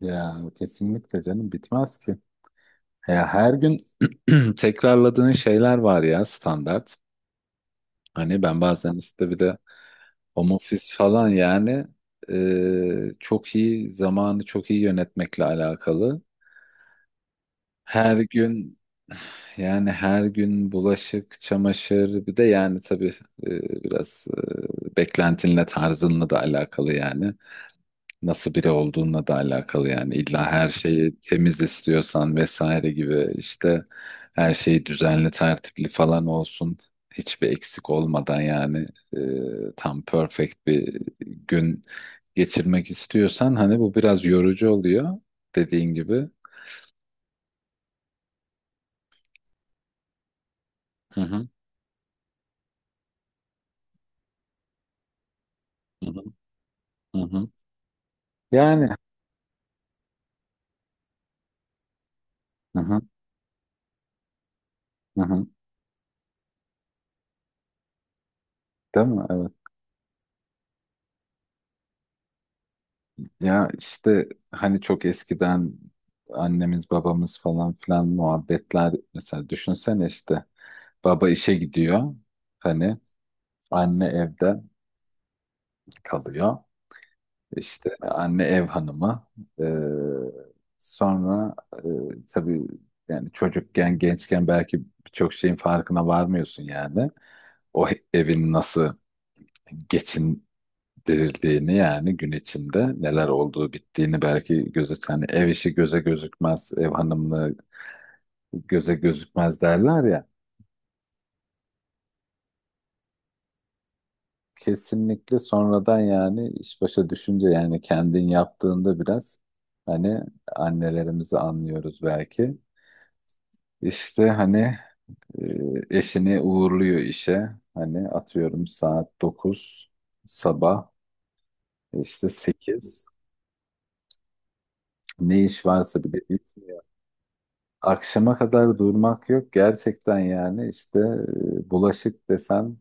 Ya kesinlikle canım bitmez ki. Ya her gün tekrarladığın şeyler var ya standart. Hani ben bazen işte bir de home office falan yani çok iyi zamanı çok iyi yönetmekle alakalı. Her gün yani her gün bulaşık, çamaşır bir de yani tabii biraz beklentinle tarzınla da alakalı yani. Nasıl biri olduğunla da alakalı yani illa her şeyi temiz istiyorsan vesaire gibi işte her şey düzenli tertipli falan olsun, hiçbir eksik olmadan yani tam perfect bir gün geçirmek istiyorsan hani bu biraz yorucu oluyor dediğin gibi. Hı hı, hı hı, hı hı. Yani hı hı, hı hı. Değil mi? Evet. Ya işte hani çok eskiden annemiz babamız falan filan muhabbetler mesela, düşünsene işte baba işe gidiyor, hani anne evde kalıyor, işte anne ev hanımı. Ee, Sonra tabii yani çocukken gençken belki birçok şeyin farkına varmıyorsun yani o evin nasıl geçin dirildiğini yani gün içinde neler olduğu bittiğini belki göze, hani ev işi göze gözükmez, ev hanımlığı göze gözükmez derler ya. Kesinlikle sonradan yani iş başa düşünce yani kendin yaptığında biraz hani annelerimizi anlıyoruz belki. İşte hani eşini uğurluyor işe. Hani atıyorum saat 9 sabah, işte 8, ne iş varsa bir de akşama kadar durmak yok gerçekten yani işte bulaşık desen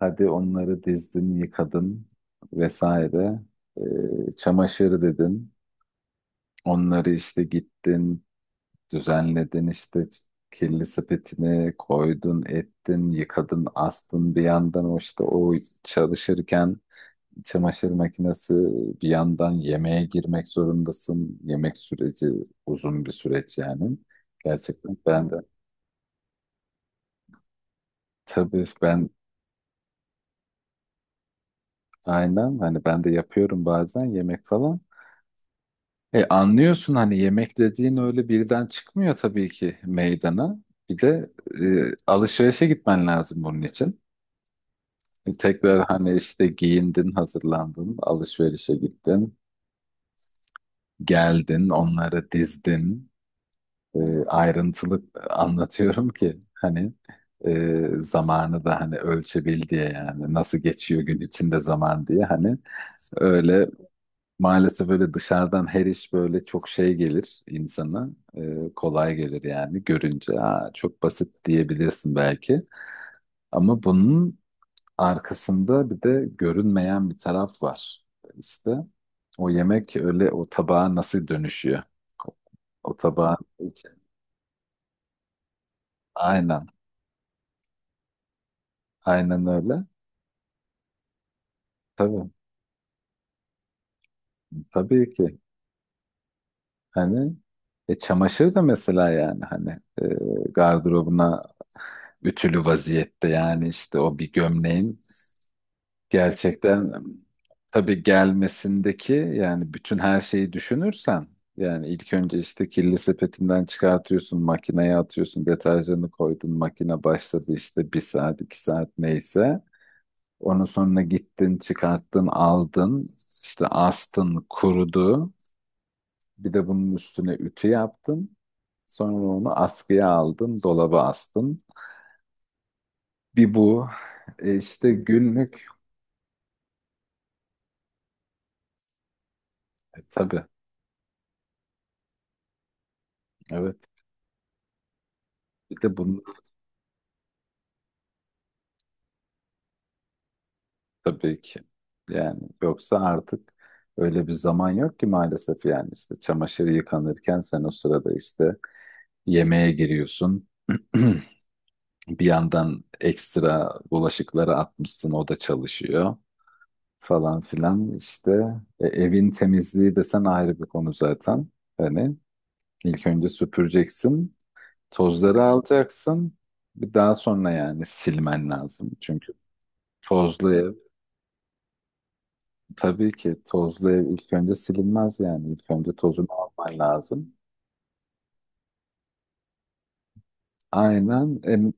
hadi onları dizdin yıkadın vesaire. Çamaşır dedin onları işte gittin düzenledin işte kirli sepetine koydun ettin yıkadın astın, bir yandan o işte o çalışırken çamaşır makinesi bir yandan yemeğe girmek zorundasın, yemek süreci uzun bir süreç yani gerçekten ben de. Tabii ben aynen hani ben de yapıyorum bazen yemek falan. Anlıyorsun hani yemek dediğin öyle birden çıkmıyor tabii ki meydana. Bir de alışverişe gitmen lazım bunun için. Tekrar hani işte giyindin, hazırlandın, alışverişe gittin, geldin, onları dizdin. E, Ayrıntılı anlatıyorum ki hani zamanı da hani ölçebil diye yani nasıl geçiyor gün içinde zaman diye hani öyle. Maalesef öyle, dışarıdan her iş böyle çok şey gelir insana. Kolay gelir yani görünce. Aa, çok basit diyebilirsin belki. Ama bunun arkasında bir de görünmeyen bir taraf var. İşte o yemek öyle o tabağa nasıl dönüşüyor? O, o tabağın Aynen. Aynen öyle. Tabii. Tabii ki. Hani çamaşır da mesela yani hani e, gardırobuna ütülü vaziyette yani işte o bir gömleğin gerçekten tabii gelmesindeki yani bütün her şeyi düşünürsen yani ilk önce işte kirli sepetinden çıkartıyorsun, makineye atıyorsun, deterjanı koydun, makine başladı işte bir saat 2 saat neyse, onun sonra gittin çıkarttın aldın işte astın kurudu, bir de bunun üstüne ütü yaptım. Sonra onu askıya aldım, dolaba astım. Bir bu. İşte günlük. Tabii. Evet. Bir de bunu tabii ki. Yani yoksa artık öyle bir zaman yok ki maalesef yani işte çamaşır yıkanırken sen o sırada işte yemeğe giriyorsun. Bir yandan ekstra bulaşıkları atmışsın o da çalışıyor falan filan işte. Evin temizliği desen ayrı bir konu zaten. Hani İlk önce süpüreceksin, tozları alacaksın. Bir daha sonra yani silmen lazım. Çünkü tozlu ev, tabii ki tozlu ev ilk önce silinmez yani. İlk önce tozunu alman lazım. Aynen,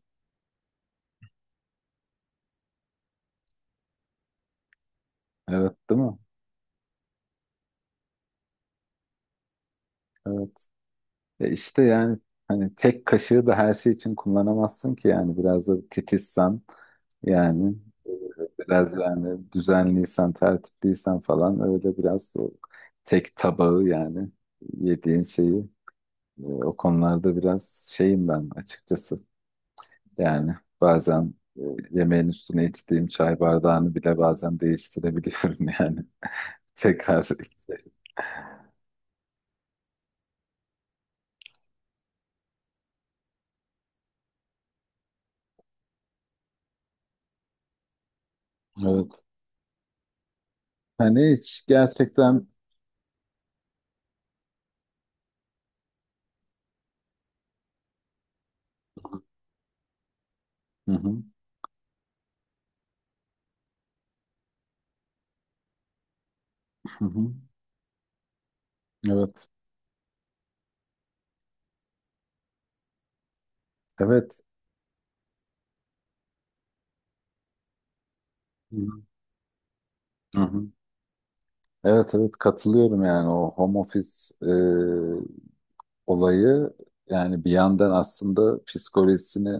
evet değil mi? Evet. İşte yani hani tek kaşığı da her şey için kullanamazsın ki yani biraz da titizsen yani e, biraz yani düzenliysen, tertipliysen falan öyle biraz o tek tabağı yani yediğin şeyi. O konularda biraz şeyim ben açıkçası. Yani bazen e, yemeğin üstüne içtiğim çay bardağını bile bazen değiştirebiliyorum yani. Tekrar içerim. Evet. Hani hiç gerçekten. Hı hı, hı hı. Evet. Evet. Hı hı. Hı hı. Evet, evet, katılıyorum yani o home office e, olayı yani bir yandan aslında psikolojisini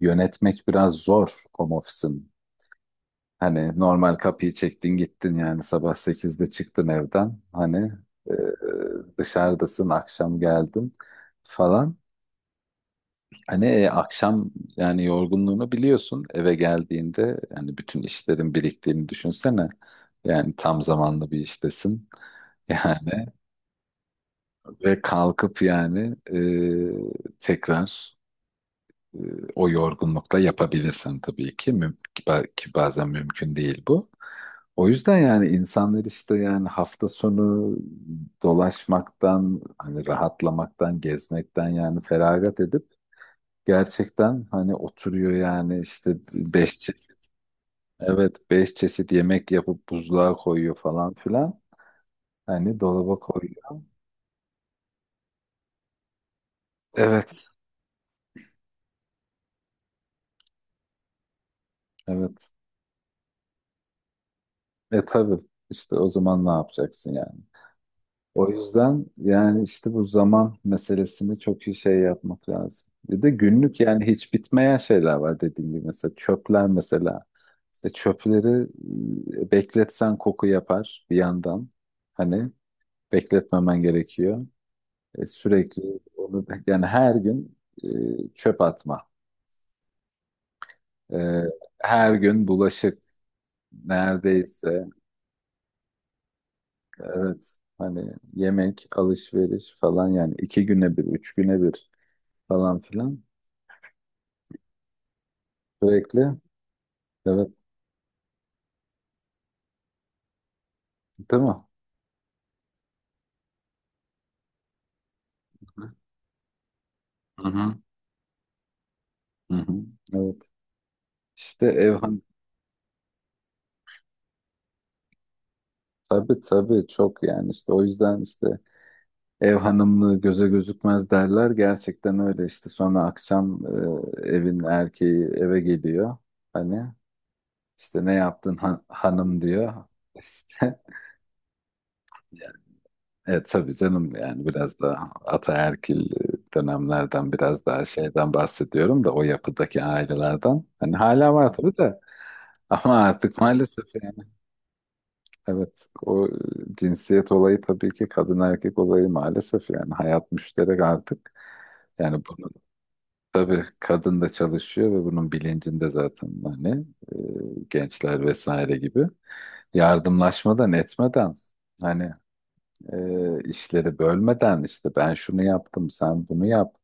yönetmek biraz zor home office'in. Hani normal kapıyı çektin gittin yani sabah 8'de çıktın evden. Hani e, dışarıdasın akşam geldin falan. Hani akşam yani yorgunluğunu biliyorsun eve geldiğinde yani bütün işlerin biriktiğini düşünsene. Yani tam zamanlı bir iştesin. Yani ve kalkıp yani tekrar. E, O yorgunlukla yapabilirsin tabii ki. Ki bazen mümkün değil bu. O yüzden yani insanlar işte yani hafta sonu dolaşmaktan, hani rahatlamaktan, gezmekten yani feragat edip gerçekten hani oturuyor yani işte 5 çeşit, evet 5 çeşit yemek yapıp buzluğa koyuyor falan filan. Hani dolaba koyuyor. Evet, evet. Tabii işte o zaman ne yapacaksın yani? O yüzden yani işte bu zaman meselesini çok iyi şey yapmak lazım. Bir de günlük yani hiç bitmeyen şeyler var dediğim gibi mesela çöpler mesela. Çöpleri bekletsen koku yapar bir yandan. Hani bekletmemen gerekiyor. Sürekli onu yani her gün e, çöp atma. E, Her gün bulaşık neredeyse, evet hani yemek, alışveriş falan yani 2 güne 1, 3 güne 1 falan filan. Sürekli. Evet. Değil mi? Hı hı. Hı hı. Evet. İşte ev hanım. Tabii tabii çok yani işte o yüzden işte ev hanımlığı göze gözükmez derler. Gerçekten öyle işte sonra akşam evin erkeği eve geliyor. Hani işte ne yaptın hanım diyor. İşte. Evet tabii canım yani biraz da ataerkil dönemlerden biraz daha şeyden bahsediyorum da o yapıdaki ailelerden. Hani hala var tabii de ama artık maalesef yani evet o cinsiyet olayı tabii ki kadın erkek olayı maalesef yani hayat müşterek artık. Yani bunu tabii kadın da çalışıyor ve bunun bilincinde zaten hani gençler vesaire gibi yardımlaşmadan etmeden hani işleri bölmeden işte ben şunu yaptım sen bunu yap,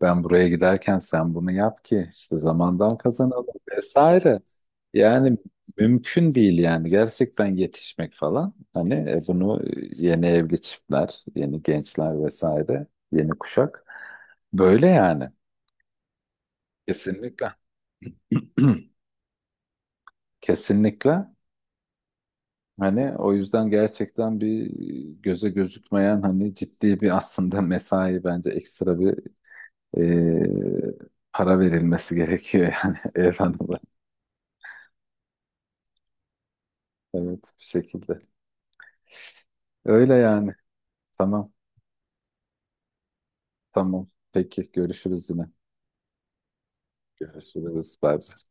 ben buraya giderken sen bunu yap ki işte zamandan kazanalım vesaire. Yani mümkün değil yani gerçekten yetişmek falan hani bunu yeni evli çiftler, yeni gençler vesaire, yeni kuşak böyle yani kesinlikle kesinlikle hani o yüzden gerçekten bir göze gözükmeyen hani ciddi bir aslında mesai bence ekstra bir e, para verilmesi gerekiyor yani Evren'e. Evet, bu şekilde. Öyle yani. Tamam, tamam. Peki, görüşürüz yine. Görüşürüz. Bye. Bye.